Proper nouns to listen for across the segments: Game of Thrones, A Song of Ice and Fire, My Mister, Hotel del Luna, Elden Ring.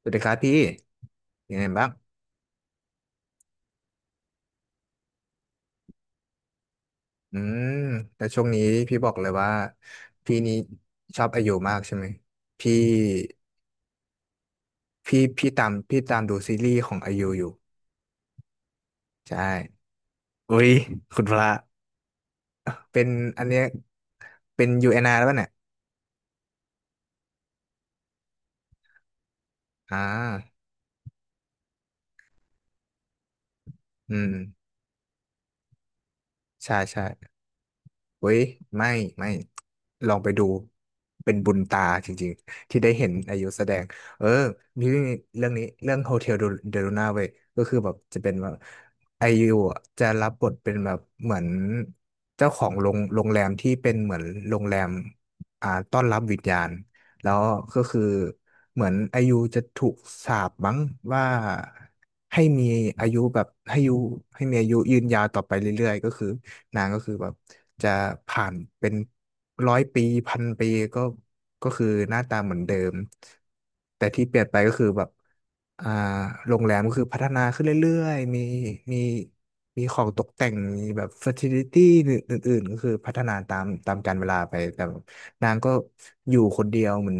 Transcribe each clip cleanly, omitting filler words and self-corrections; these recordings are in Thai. สวัสดีครับพี่ยังไงบ้างอืมแต่ช่วงนี้พี่บอกเลยว่าพี่นี้ชอบอายุมากใช่ไหมพี่พี่ตามพี่ตามดูซีรีส์ของอายุอยู่ใช่อุ้ยคุณพระเป็นอันเนี้ยเป็นยูเอ็นอาร์แล้วป่ะเนี่ยอ่าอืมใช่ใช่ เว้ยไม่ไม่ลองไปดูเป็นบุญตาจริงๆที่ได้เห็นอายุแสดงเออมีเรื่องนี้เรื่องโฮเทลเดลูน่าเว้ยก็คือแบบจะเป็นแบบอายุอะจะรับบทเป็นแบบเหมือนเจ้าของโรงโรงแรมที่เป็นเหมือนโรงแรมต้อนรับวิญญาณแล้วก็คือเหมือนอายุจะถูกสาปมั้งว่าให้มีอายุแบบให้อายุให้มีอายุยืนยาวต่อไปเรื่อยๆก็คือ นางก็คือแบบจะผ่านเป็นร้อยปีพันปีก็ก็คือหน้าตาเหมือนเดิมแต่ที่เปลี่ยนไปก็คือแบบอ่าโรงแรมก็คือพัฒนาขึ้นเรื่อยๆมีมีมีของตกแต่งมีแบบเฟอร์ติลิตี้อื่นๆก็คือพัฒนาตามกาลเวลาไปแต่นางก็อยู่คนเดียวเหมือน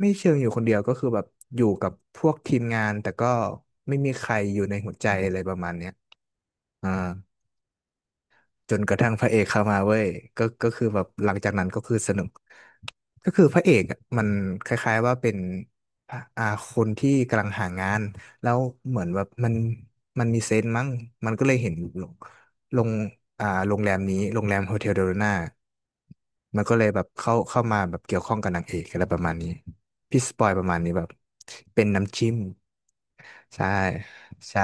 ไม่เชิงอยู่คนเดียวก็คือแบบอยู่กับพวกทีมงานแต่ก็ไม่มีใครอยู่ในหัวใจอะไรประมาณเนี้ยอ่า จนกระทั่งพระเอกเข้ามาเว้ยก็คือแบบหลังจากนั้นก็คือสนุกก็คือพระเอกอะมันคล้ายๆว่าเป็นอ่าคนที่กำลังหางานแล้วเหมือนแบบมันมีเซนส์มั้งมันก็เลยเห็นลงลงโรงแรมนี้โรงแรมโฮเทลเดโรนามันก็เลยแบบเข้ามาแบบเกี่ยวข้องกับนางเอกอะไรประมาณนี้พี่สปอยประมาณนี้แบบเป็นน้ำจิ้มใช่ใช่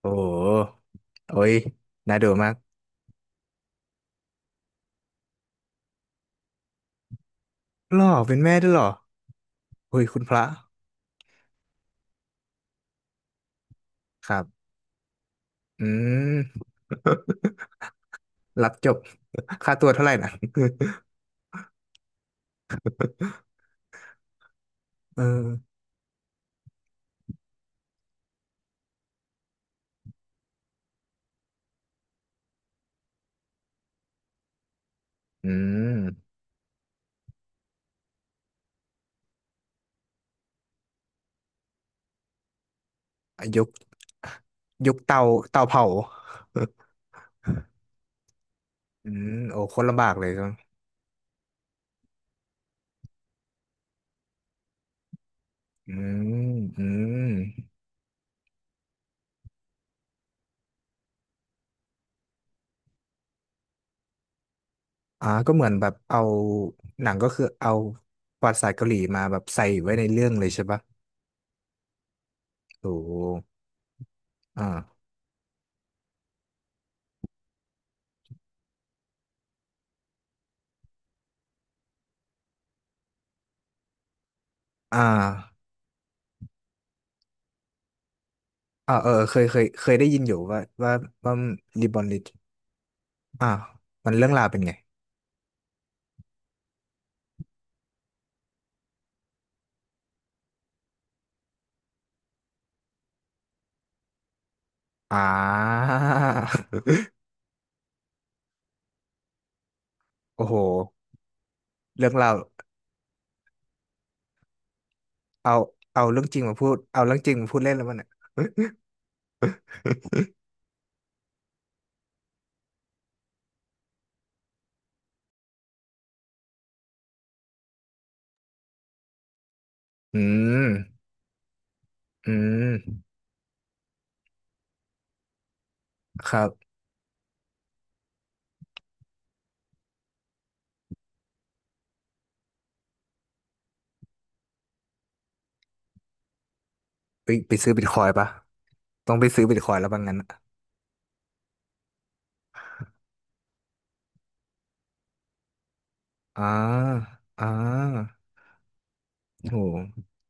โอ้โหโอ้ยน่าดูมาก หล่อเป็นแม่ด้วยเหรอเฮ้ยคุณพระครับอืม รับจบค่าตัวเท่าไหร่นะ เอออืม่ะยกยกเตาเตาเผา อืมโอ้โคนลำบากเลยจับอืมอืมก็เหมือนแบบเอาหนังก็คือเอาประวัติศาสตร์เกาหลีมาแบบใส่ไว้ในเรื่องเลยใช่ปะโอ้โหอ่าอ่าอ่าเออเคยได้ยินอยู่ว่าว่าว่าลิบอนลิอ่ามันเรื่องราวเป็นไง อ่า โอ้โหเรื่องเราวเอาเอาเรื่องจริงมาพูดเอาเรื่องจริงมาพูดเล่นแล้วมันอ่ะ อืมอืมครับไปไปซื้อบิตคอยน์ปะต้องไปซื้อบิตคอยน์แล้วบางงั้นอะอ่าอ่าอโห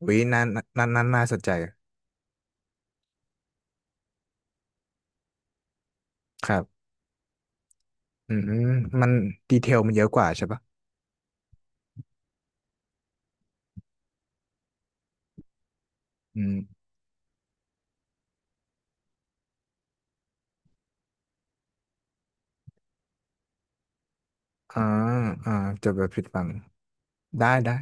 วิน่าน่าน่าน่าสนใจครับอืมมันดีเทลมันเยอะกว่าใช่ปะอืมอ่าอ่าจะไปผิดฟังได้ได้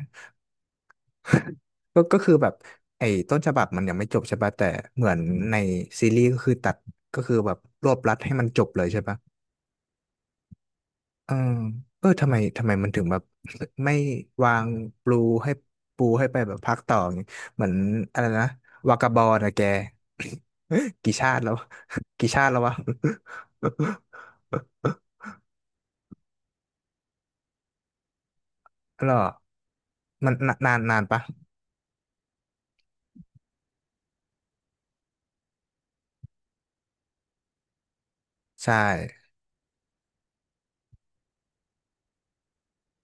ก็คือแบบไอ้ต้นฉบับมันยังไม่จบใช่ปะแต่เหมือนในซีรีส์ก็คือตัดก็คือแบบรวบรัดให้มันจบเลยใช่ปะเออเออทำไมมันถึงแบบไม่วางปูให้ปูให้ไปแบบพักต่ออย่างงี้เหมือนอะไรนะวากาบอลนะแก กี่ชาติแล้ว กี่ชาติแล้ววะ หรอมันนานนานนปะใช่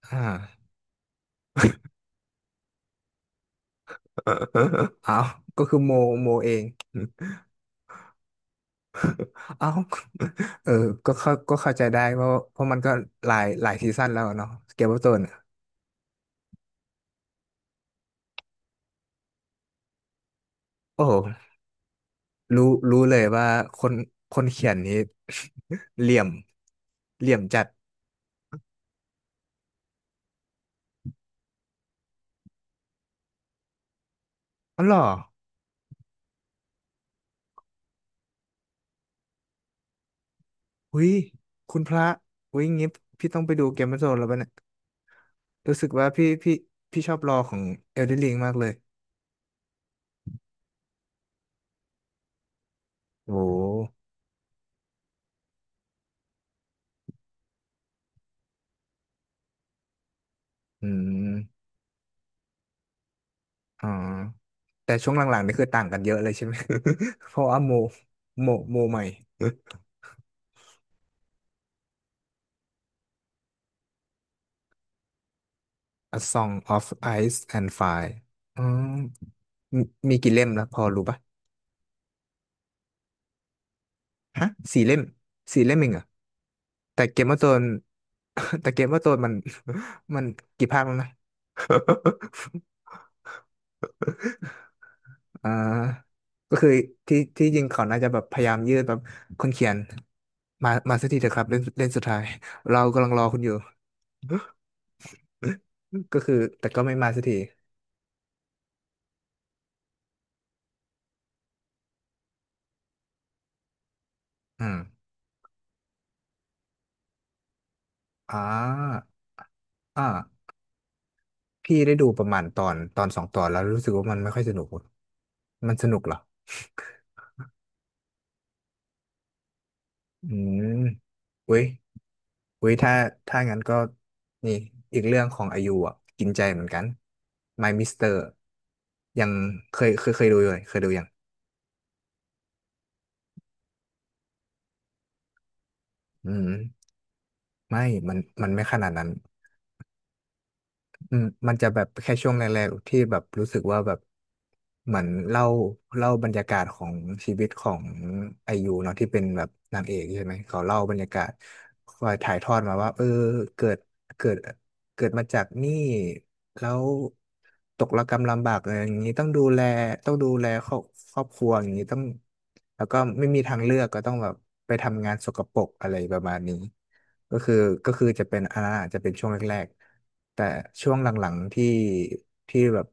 อ่า เอาก็คือโมโมเอง เอ้า เออ ก็เข้าใจได้เพราะเพราะมันก็หลายหลายซีซั่นแล้วอะเนาะเกมออฟโธรนส์โอ้โหรู้รู้เลยว่าคนคนเขียนนี้ เหลี่ยมเหลี่ยมจัดอ๋อเหรอหุยคุณพระหุยงี้พี่ต้องไปดูเกมออฟโธรนส์แล้วปะเนี่ยรู้สึกว่าพี่พี่ชอบรอของเอลเดนริงมากเลยโอ้โหอืมอ๋อแต่ช่วงหลังๆนี่คือต่างกันเยอะเลยใช่ไหม เพราะว่าโมโมใหม่ A Song of Ice and Fire อ๋อมมีกี่เล่มแล้วพอรู้ปะฮะสี่เล่มสี่เล่มเองเหรอแต่เกมว่าโตน แต่เกมว่าโตนมัน มันกี่ภาคแล้วนะ อ่าก็คือที่จริงเขาน่าจะแบบพยายามยืดแบบคนเขียนมาสักทีเถอะครับเล่นเล่นสุดท้ายเรากำลังรอคุณอยู่ ก็คือแต่ก็ไม่มาสักทีอืมอ่าอ่า พี่ได้ดูประมาณตอนตอนสองตอนแล้วรู้สึกว่ามันไม่ค่อยสนุกอะมันสนุกเหรออืมอุ้ยอุ้ยถ้าถ้างั้นก็นี่อีกเรื่องของอายุอ่ะกินใจเหมือนกัน My Mister ยังเคยดูอยู่เลยเคยดูยังอืมไม่มันไม่ขนาดนั้น อืมมันจะแบบแค่ช่วงแรกๆที่แบบรู้สึกว่าแบบเหมือนเล่าเล่าบรรยากาศของชีวิตของไอยูเนาะที่เป็นแบบนางเอกใช่ไหมเขาเล่าบรรยากาศคอยถ่ายทอดมาว่าเออเกิดเกิดเกิดมาจากนี่แล้วตกระกำลำบากอะไรอย่างนี้ต้องดูแลต้องดูแลครอบครอบครัวอย่างนี้ต้องแล้วก็ไม่มีทางเลือกก็ต้องแบบไปทำงานสกปรกอะไรประมาณนี้ ก็คือก็คือจะเป็นอันนั้นอาจจะเป็นช่วงแรกๆแต่ช่วงหลังๆที่ที่แบบ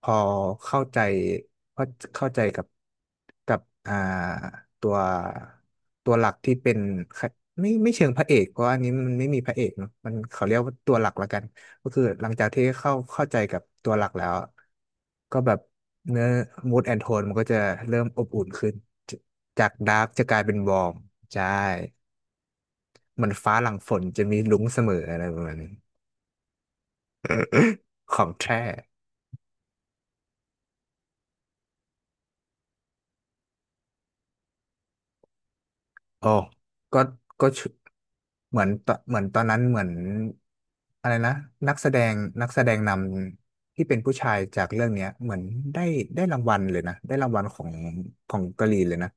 พอเข้าใจเข้าเข้าใจกับกับอ่าตัวตัวหลักที่เป็นไม่ไม่เชิงพระเอกเพราะอันนี้มันไม่มีพระเอกเนอะมันเขาเรียกว่าตัวหลักละกันก็คือหลังจากที่เข้าเข้าใจกับตัวหลักแล้วก็แบบเนื้อ mood and tone มันก็จะเริ่มอบอุ่นขึ้นจากดาร์กจะกลายเป็นวอร์มใช่ เหมือนฟ้าหลังฝนจะมีรุ้งเสมออะไรประมาณนี้ ของแท้โอ้ก็ก็ชุเหมือนตเหมือนตอนนั้นเหมือนอะไรนะนักแสดงนักแสดงนำที่เป็นผู้ชายจากเรื่องเนี้ยเหมือนได้ได้รางวัลเลยนะได้รางวัลของของเกาหลีเลยนะ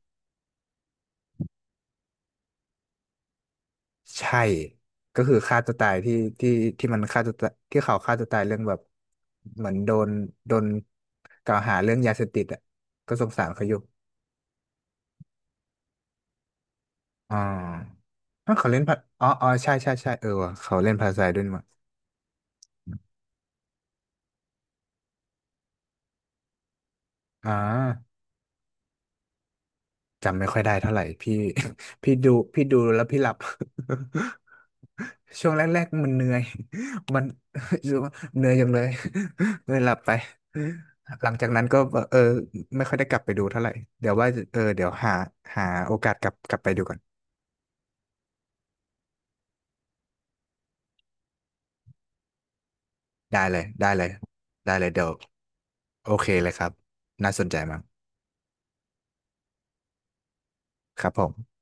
ใช่ก็คือฆ่าตัวตายที่ที่ที่มันฆ่าตัวตายที่เขาฆ่าตัวตายเรื่องแบบเหมือนโดนโดนกล่าวหาเรื่องยาเสพติดอ่ะก็สงสารเขาอยู่ อ่าถ้าเขาเล่นภาอ๋อใช่เออว่ะเขาเล่นภาษาด้วยนี่มั้งอ่าจำไม่ค่อยได้เท่าไหร่พี่ พี่ดูพี่ดูแล้วพี่หลับ ช่วงแรกๆมันเหนื่อย มัน รู้สึกว่าเหนื่อยจังเลย เลยหลับไปหลังจากนั้นก็เออไม่ค่อยได้กลับไปดูเท่าไหร่เดี๋ยวว่าเออเดี๋ยวหาหาโอกาสกลับกลับไปดูก่อนได้เลยได้เลยเดี๋ยวโอเคเลยครับน่าสนใจมากครับผม